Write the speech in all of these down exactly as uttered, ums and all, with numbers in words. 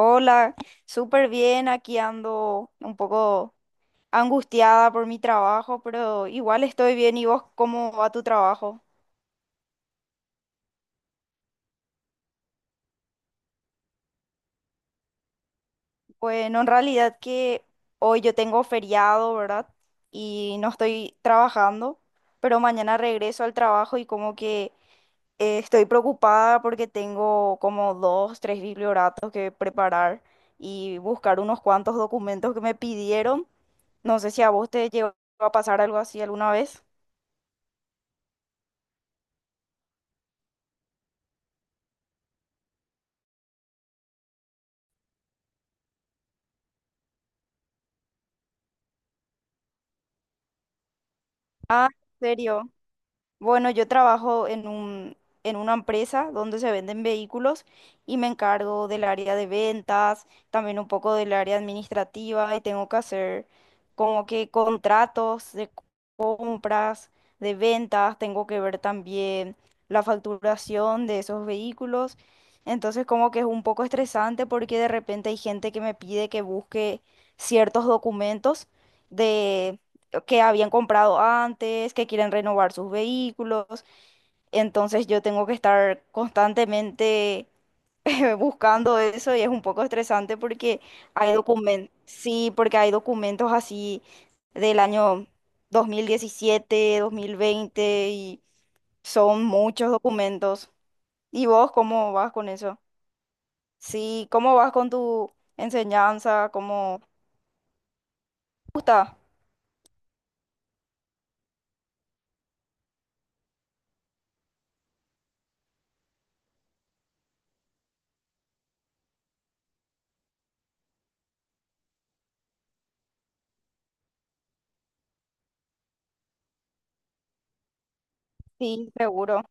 Hola, súper bien, aquí ando un poco angustiada por mi trabajo, pero igual estoy bien. ¿Y vos cómo va tu trabajo? Bueno, en realidad que hoy yo tengo feriado, ¿verdad? Y no estoy trabajando, pero mañana regreso al trabajo y como que eh, estoy preocupada porque tengo como dos, tres biblioratos que preparar y buscar unos cuantos documentos que me pidieron. No sé si a vos te llegó a pasar algo así alguna vez. Ah, ¿en serio? Bueno, yo trabajo en un, en una empresa donde se venden vehículos y me encargo del área de ventas, también un poco del área administrativa y tengo que hacer como que contratos de compras, de ventas, tengo que ver también la facturación de esos vehículos. Entonces como que es un poco estresante porque de repente hay gente que me pide que busque ciertos documentos de que habían comprado antes, que quieren renovar sus vehículos. Entonces yo tengo que estar constantemente buscando eso y es un poco estresante porque hay documentos, sí, porque hay documentos así del año dos dos mil diecisiete, dos mil veinte y son muchos documentos. ¿Y vos cómo vas con eso? Sí, ¿cómo vas con tu enseñanza? ¿Cómo te gusta? Sí, seguro.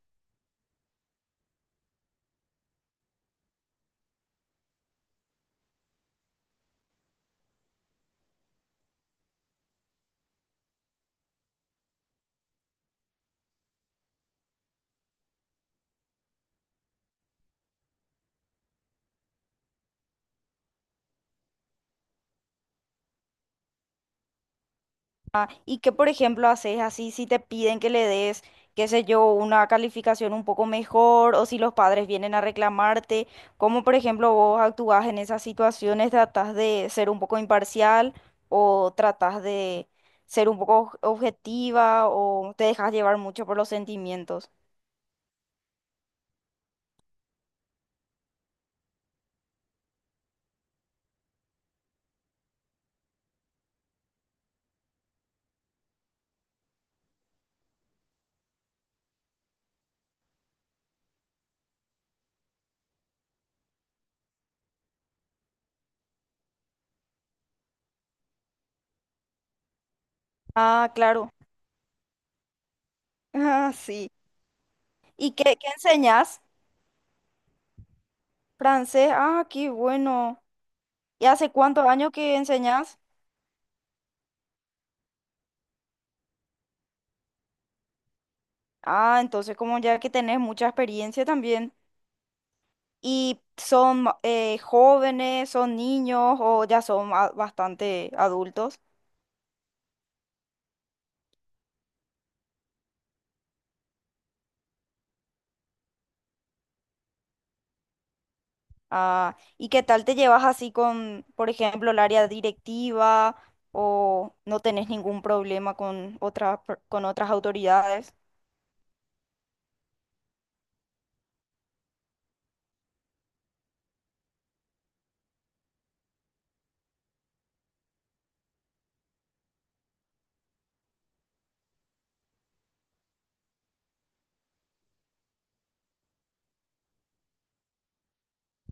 Ah, ¿y qué, por ejemplo, haces así si te piden que le des, qué sé yo, una calificación un poco mejor o si los padres vienen a reclamarte? ¿Cómo, por ejemplo, vos actúas en esas situaciones? ¿Tratás de ser un poco imparcial o tratás de ser un poco oj- objetiva o te dejas llevar mucho por los sentimientos? Ah, claro. Ah, sí. ¿Y qué, qué enseñás? Francés. Ah, qué bueno. ¿Y hace cuántos años que enseñás? Ah, entonces como ya que tenés mucha experiencia también y son ma- eh, jóvenes, son niños o ya son a- bastante adultos. Ah, ¿y qué tal te llevas así con, por ejemplo, el área directiva o no tenés ningún problema con otras per- con otras autoridades?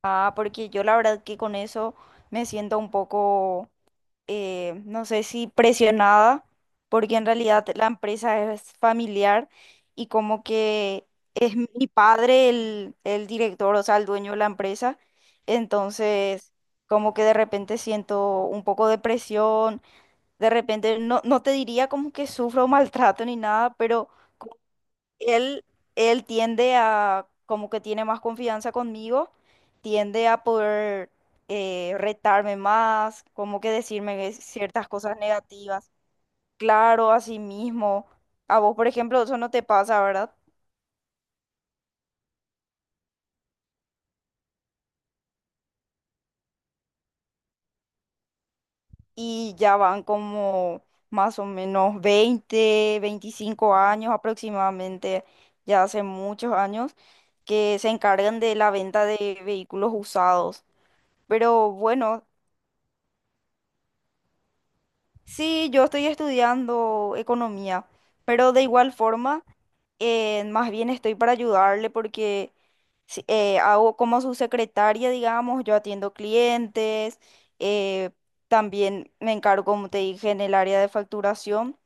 Ah, porque yo la verdad que con eso me siento un poco eh, no sé si presionada, porque en realidad la empresa es familiar y como que es mi padre el, el director, o sea, el dueño de la empresa. Entonces, como que de repente siento un poco de presión, de repente no, no te diría como que sufro maltrato ni nada, pero... Él, él tiende a, como que tiene más confianza conmigo, tiende a poder eh, retarme más, como que decirme ciertas cosas negativas. Claro, a sí mismo. A vos, por ejemplo, eso no te pasa, ¿verdad? Y ya van como más o menos veinte veinticinco años aproximadamente, ya hace muchos años, que se encargan de la venta de vehículos usados. Pero bueno. Sí, yo estoy estudiando economía, pero de igual forma, eh, más bien estoy para ayudarle porque si- eh, hago como su secretaria, digamos, yo atiendo clientes, eh, también me encargo, como te dije, en el área de facturación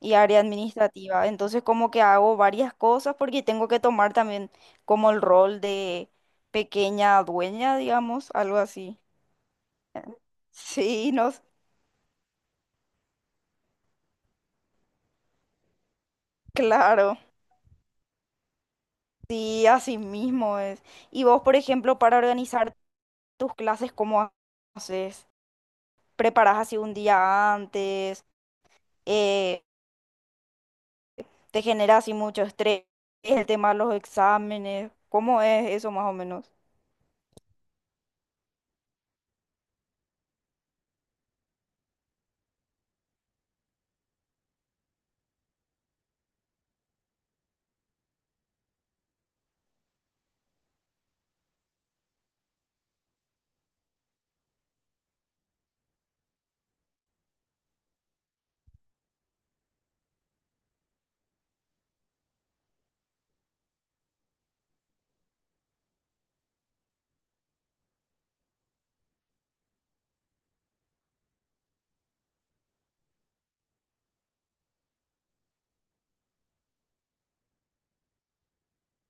y área administrativa. Entonces, como que hago varias cosas porque tengo que tomar también como el rol de pequeña dueña, digamos, algo así. Sí, no, claro. Sí, así mismo es. Y vos, por ejemplo, para organizar tus clases, ¿cómo haces? ¿Preparás así un día antes? Eh, ¿te genera así mucho estrés el tema de los exámenes? ¿Cómo es eso más o menos?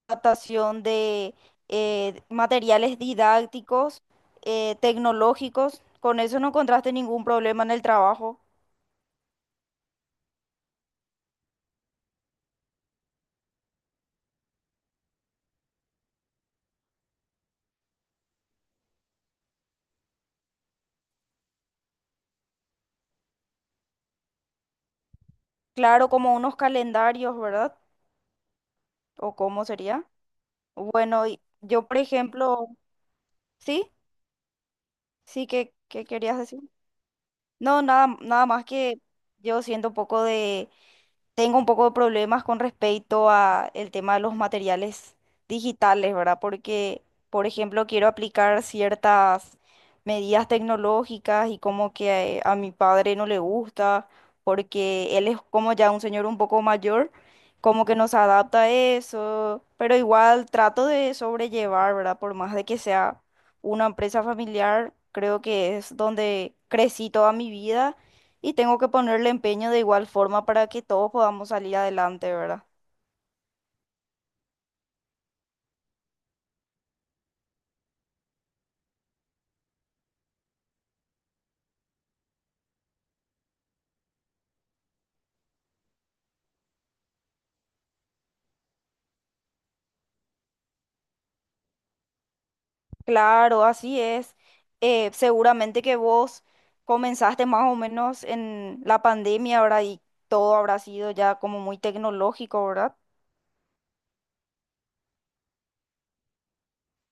Adaptación de eh, materiales didácticos, eh, tecnológicos. Con eso no encontraste ningún problema en el trabajo. Claro, como unos calendarios, ¿verdad? ¿O cómo sería? Bueno, y yo, por ejemplo, ¿sí? Sí, ¿qué, qué querías decir? No, nada, nada más que yo siento un poco de, tengo un poco de problemas con respecto a el tema de los materiales digitales, ¿verdad? Porque, por ejemplo, quiero aplicar ciertas medidas tecnológicas y como que a mi padre no le gusta, porque él es como ya un señor un poco mayor, como que nos adapta a eso, pero igual trato de sobrellevar, ¿verdad? Por más de que sea una empresa familiar, creo que es donde crecí toda mi vida y tengo que ponerle empeño de igual forma para que todos podamos salir adelante, ¿verdad? Claro, así es. Eh, seguramente que vos comenzaste más o menos en la pandemia, ¿verdad? Y todo habrá sido ya como muy tecnológico, ¿verdad?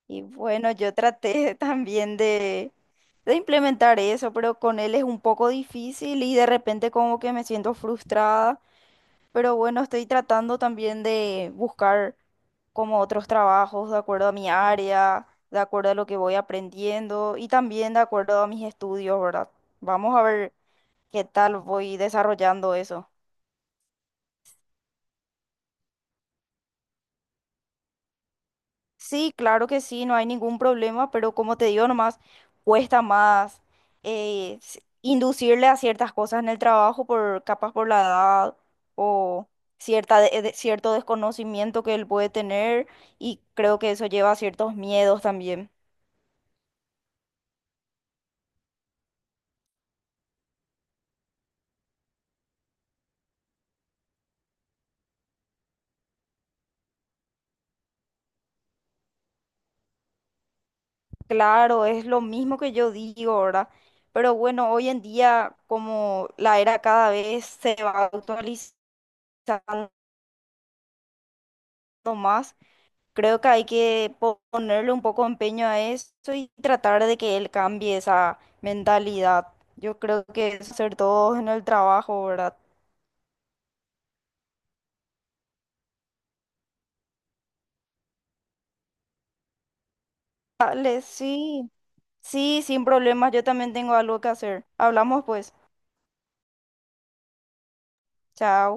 Y bueno, yo traté también de, de implementar eso, pero con él es un poco difícil y de repente como que me siento frustrada. Pero bueno, estoy tratando también de buscar como otros trabajos de acuerdo a mi área, de acuerdo a lo que voy aprendiendo y también de acuerdo a mis estudios, ¿verdad? Vamos a ver qué tal voy desarrollando eso. Sí, claro que sí, no hay ningún problema, pero como te digo nomás, cuesta más eh, s- inducirle a ciertas cosas en el trabajo por capaz por la edad o cierta de- de- cierto desconocimiento que él puede tener y creo que eso lleva a ciertos miedos también. Claro, es lo mismo que yo digo, ¿verdad? Pero bueno, hoy en día como la era cada vez se va actualizando más. Creo que hay que po- ponerle un poco empeño a eso y tratar de que él cambie esa mentalidad. Yo creo que eso ser todos en el trabajo, ¿verdad? Dale, sí, sí, sin problemas. Yo también tengo algo que hacer. Hablamos pues. Chao.